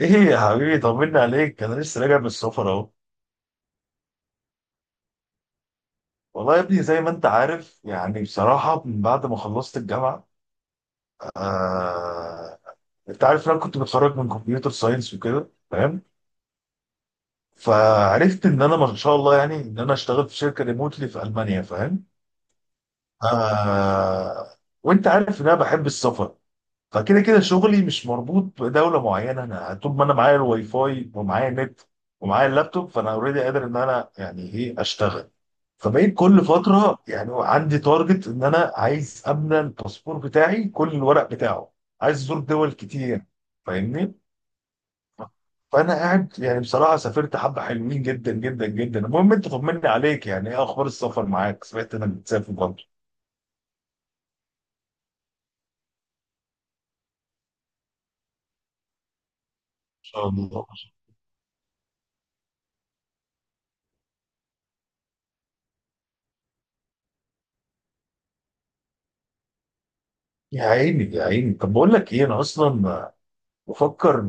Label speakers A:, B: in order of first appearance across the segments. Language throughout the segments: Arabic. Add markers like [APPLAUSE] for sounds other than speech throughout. A: ايه يا حبيبي طمني عليك. انا لسه راجع من السفر اهو. والله يا ابني زي ما انت عارف يعني بصراحه من بعد ما خلصت الجامعه، آه... انت عارف إن انا كنت متخرج من كمبيوتر ساينس وكده فاهم. فعرفت ان انا ما شاء الله يعني ان انا اشتغل في شركه ريموتلي في المانيا فاهم. آه... وانت عارف ان انا بحب السفر. فكده كده شغلي مش مربوط بدوله معينه، انا طول ما انا معايا الواي فاي ومعايا النت ومعايا اللابتوب فانا اوريدي قادر ان انا يعني ايه اشتغل. فبقيت كل فتره يعني عندي تارجت ان انا عايز املى الباسبور بتاعي كل الورق بتاعه، عايز ازور دول كتير فاهمني. فانا قاعد يعني بصراحه سافرت حبه حلوين جدا جدا جدا. المهم انت طمني عليك، يعني ايه اخبار السفر معاك؟ سمعت انك بتسافر برضه ان شاء الله. يا عيني يا عيني، طب بقول لك ايه، انا اصلا بفكر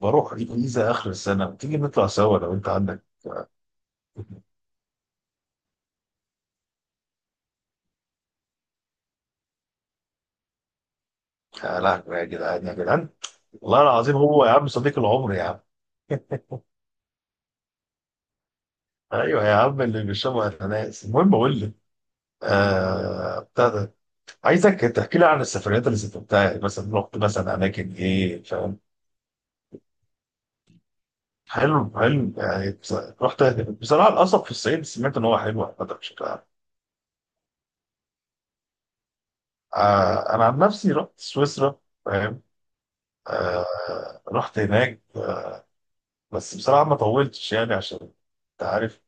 A: بروح الجيزه اخر السنه، تيجي نطلع سوا لو انت عندك. يا لهوي يا جدعان يا جدعان، والله العظيم هو يا عم صديق العمر يا عم. ايوه يا عم اللي بيشربوا اناناس. المهم اقول لك بتاع ده، عايزك تحكي لي عن السفريات اللي سافرتها، يعني مثلا رحت مثلا اماكن ايه فاهم؟ حلو حلو يعني رحت. بصراحه القصب في الصعيد سمعت ان هو حلو عامه بشكل عام. آه انا عن نفسي رحت سويسرا فاهم. آه رحت هناك. بس بصراحه ما طولتش يعني عشان انت عارف.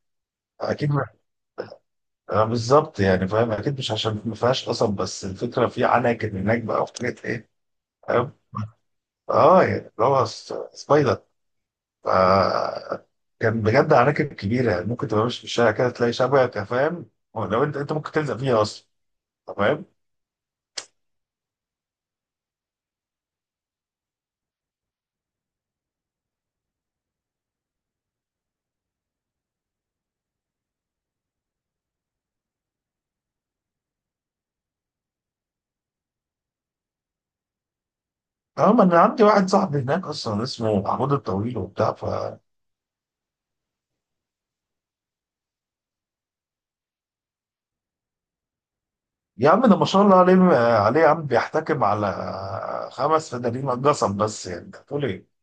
A: اكيد ما- آه بالظبط يعني فاهم، اكيد مش عشان ما فيهاش قصب، بس الفكره في عناكب هناك بقى وحاجات ايه فاهم. اه يعني اللي هو سبايدر، ف كان بجد عناكب كبيره، يعني ممكن تبقى ماشي في الشارع كده تلاقي شبكه فاهم، لو انت ممكن تلزق فيها اصلا تمام. اه ما انا عندي واحد صاحبي هناك اصلا اسمه محمود الطويل وبتاع ف. يا عم ده ما شاء الله عليه يا عم، بيحتكم على 5 فدانين قصب، بس يعني انت بتقول ايه؟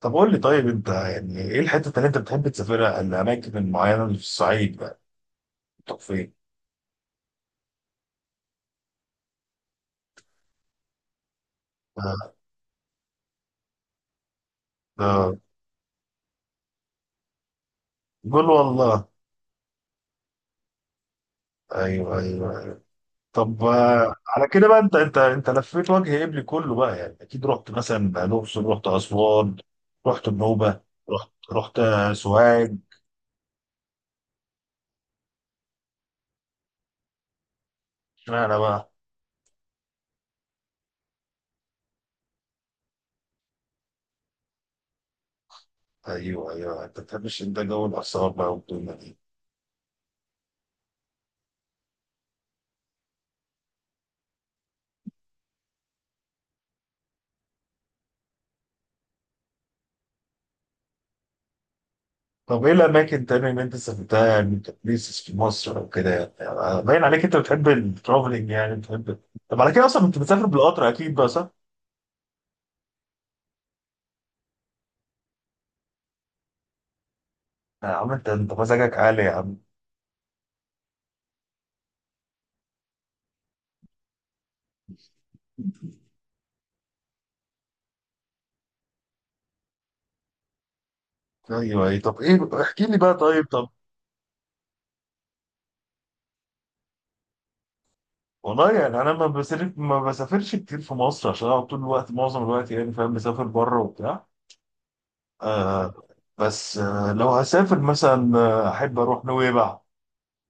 A: طب قول لي، طيب، انت يعني ايه الحته اللي انت بتحب تسافرها، الاماكن المعينه اللي في الصعيد بقى؟ طب فين؟ آه، قول والله. ايوه ايوه. طب آه، على كده بقى، انت لفيت وجه قبلي كله بقى، يعني اكيد رحت مثلا الاقصر، رحت اسوان، رحت النوبه، رحت سوهاج. اشمعنى بقى؟ ايوه ايوه، انت بتحبش انت جو الاثار بقى والدنيا دي. طب ايه الاماكن تاني اللي انت سافرتها، يعني كبليسز في مصر او كده، يعني يعني باين عليك انت بتحب الترافلنج يعني بتحب. طب على كده اصلا انت بتسافر بالقطر اكيد بقى، صح؟ يا عم انت مزاجك عالي يا عم. ايوه ايه، طب ايه احكي لي بقى، طيب، طب. والله يعني انا ما بسافرش كتير في مصر عشان اقعد طول الوقت معظم الوقت يعني فاهم، بسافر بره وبتاع آه. بس آه لو هسافر مثلا آه، احب اروح نويبع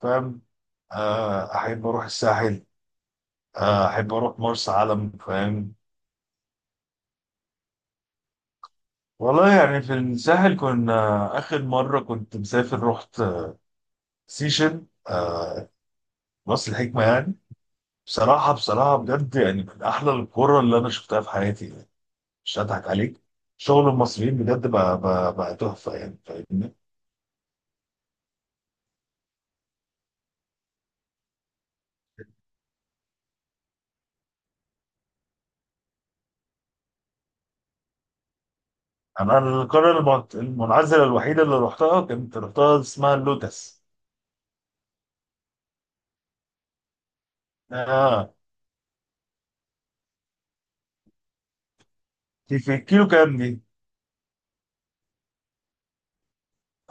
A: فاهم. آه احب اروح الساحل. آه احب اروح مرسى علم فاهم. والله يعني في الساحل، كنا آخر مرة كنت مسافر رحت سيشن، آه راس الحكمة يعني. بصراحة بصراحة بجد يعني من أحلى القرى اللي أنا شفتها في حياتي يعني، مش هضحك عليك. شغل المصريين بجد بقى تحفة يعني فاهمني. أنا القرية المنعزلة الوحيدة اللي رحتها كنت رحتها اسمها اللوتس آه. دي في الكيلو كام دي؟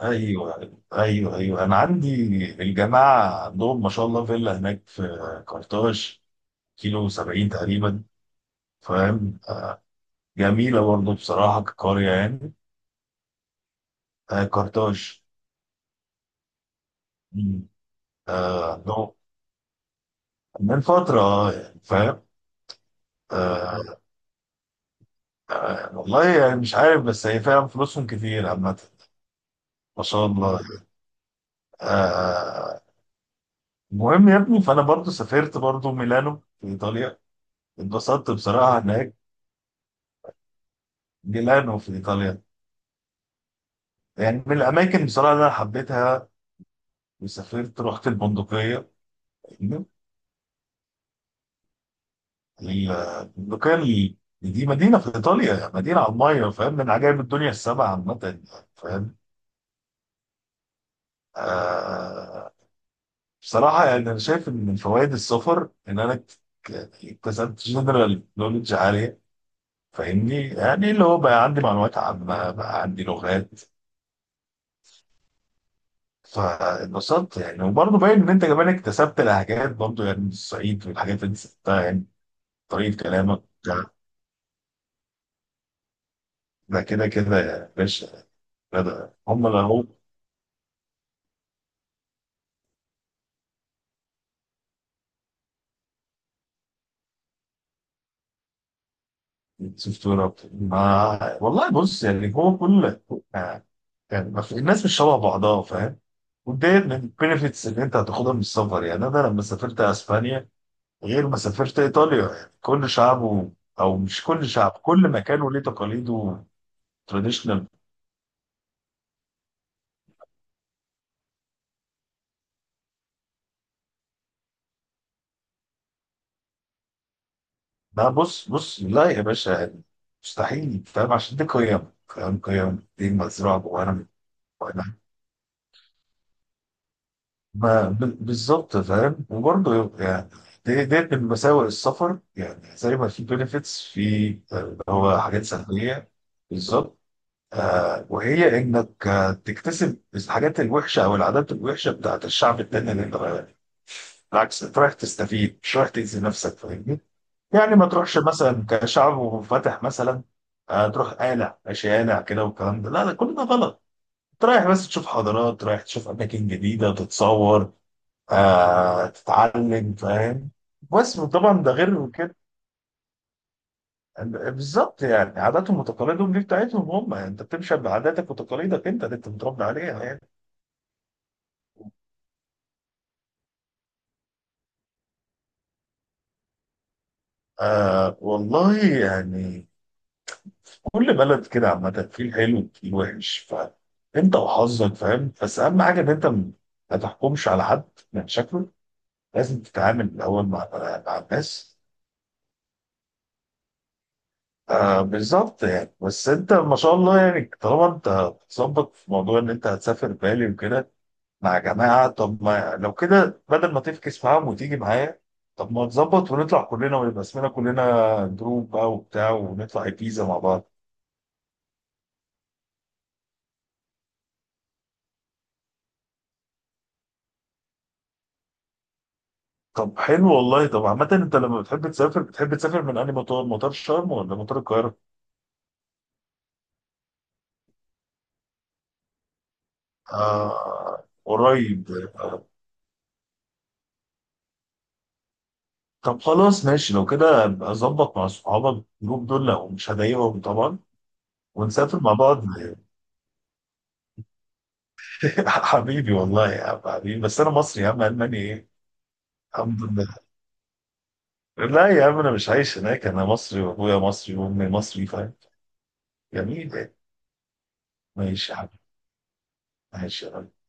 A: أيوه أيوه أيوه، أنا عندي. الجماعة عندهم ما شاء الله فيلا هناك في كارتاج، كيلو 70 تقريبا فاهم. جميلة برضه بصراحة كقرية يعني. آه كارتاج. مم. آه من فترة آه، يعني فاهم. آه والله يعني مش عارف، بس هي فعلا فلوسهم كتير عامة، ما شاء الله. آه آه، المهم يا ابني فأنا برضه سافرت برضه ميلانو في إيطاليا، اتبسطت بصراحة هناك. ميلانو في إيطاليا، يعني من الأماكن بصراحة اللي أنا حبيتها. وسافرت رحت البندقية. ال- البقال، دي مدينة في إيطاليا، مدينة على المية فاهم، من عجائب الدنيا السبع عامة فاهم آه. بصراحة يعني أنا شايف إن من فوائد السفر إن أنا اكتسبت جنرال نولج عالية فاهمني، يعني اللي هو بقى عندي معلومات عامة بقى عندي لغات. فاتبسطت يعني وبرضه باين إن أنت كمان اكتسبت لهجات برضه، يعني من الصعيد والحاجات اللي أنت سبتها يعني طريقة كلامك ده. ده كده كده يا باشا، ده- ده هم اللي هم سوفتونا. ما والله بص يعني هو كل آه، يعني ما في- الناس مش شبه بعضها فاهم. وده من البينفيتس اللي انت هتاخدها من السفر، يعني انا لما سافرت اسبانيا غير ما سافرت ايطاليا، يعني كل شعبه او مش كل شعب، كل مكان وليه تقاليده تراديشنال. ده بص بص لا يا باشا، يعني مستحيل فاهم، عشان دي قيم فاهم، قيم دي مزروعه جوانا. من- ما ب- بالظبط فاهم، وبرضه يعني ديت من مساوئ السفر، يعني زي ما في بنفيتس، في آه، اللي هو حاجات سلبية بالظبط. آه وهي انك آه، تكتسب الحاجات الوحشة او العادات الوحشة بتاعت الشعب التاني اللي انت رايح له. بالعكس انت رايح تستفيد مش رايح تأذي نفسك فاهمني. يعني ما تروحش مثلا كشعب منفتح مثلا، آه تروح قالع شارع كده، والكلام ده لا لا كل ده غلط. انت رايح بس تشوف حضارات، رايح تشوف اماكن جديدة، تتصور، آه تتعلم فاهم، بس طبعا ده غير كده. بالظبط، يعني عاداتهم وتقاليدهم دي بتاعتهم هم، يعني انت بتمشي بعاداتك وتقاليدك انت اللي انت متربي عليها يعني. آه والله يعني كل بلد كده عامة فيه الحلو وفيه الوحش، فانت وحظك فاهم. بس اهم حاجة ان انت ما تحكمش على حد من شكله، لازم تتعامل الاول مع الناس. آه بالظبط يعني، بس انت ما شاء الله يعني طالما انت بتظبط في موضوع ان انت هتسافر بالي وكده مع جماعة، طب ما لو كده بدل ما تفكس معاهم وتيجي معايا. طب ما نظبط ونطلع كلنا ويبقى اسمنا كلنا جروب بقى وبتاع، ونطلع الجيزة مع بعض. طب حلو والله. طب عامة انت لما بتحب تسافر بتحب تسافر من انهي مطار، مطار شرم ولا مطار القاهرة؟ آه قريب آه،. طب خلاص ماشي، لو كده ابقى ظبط مع صحابك الجروب دول لو مش هضايقهم طبعا، ونسافر مع بعض. [LAUGHS] حبيبي والله يا عم حبيبي، بس انا مصري يا عم، الماني ايه؟ الحمد لله. لا يا عم انا مش عايش هناك، انا مصري وابويا مصري وامي مصري فاهم. جميل يعني، ماشي يا حبيبي، ماشي.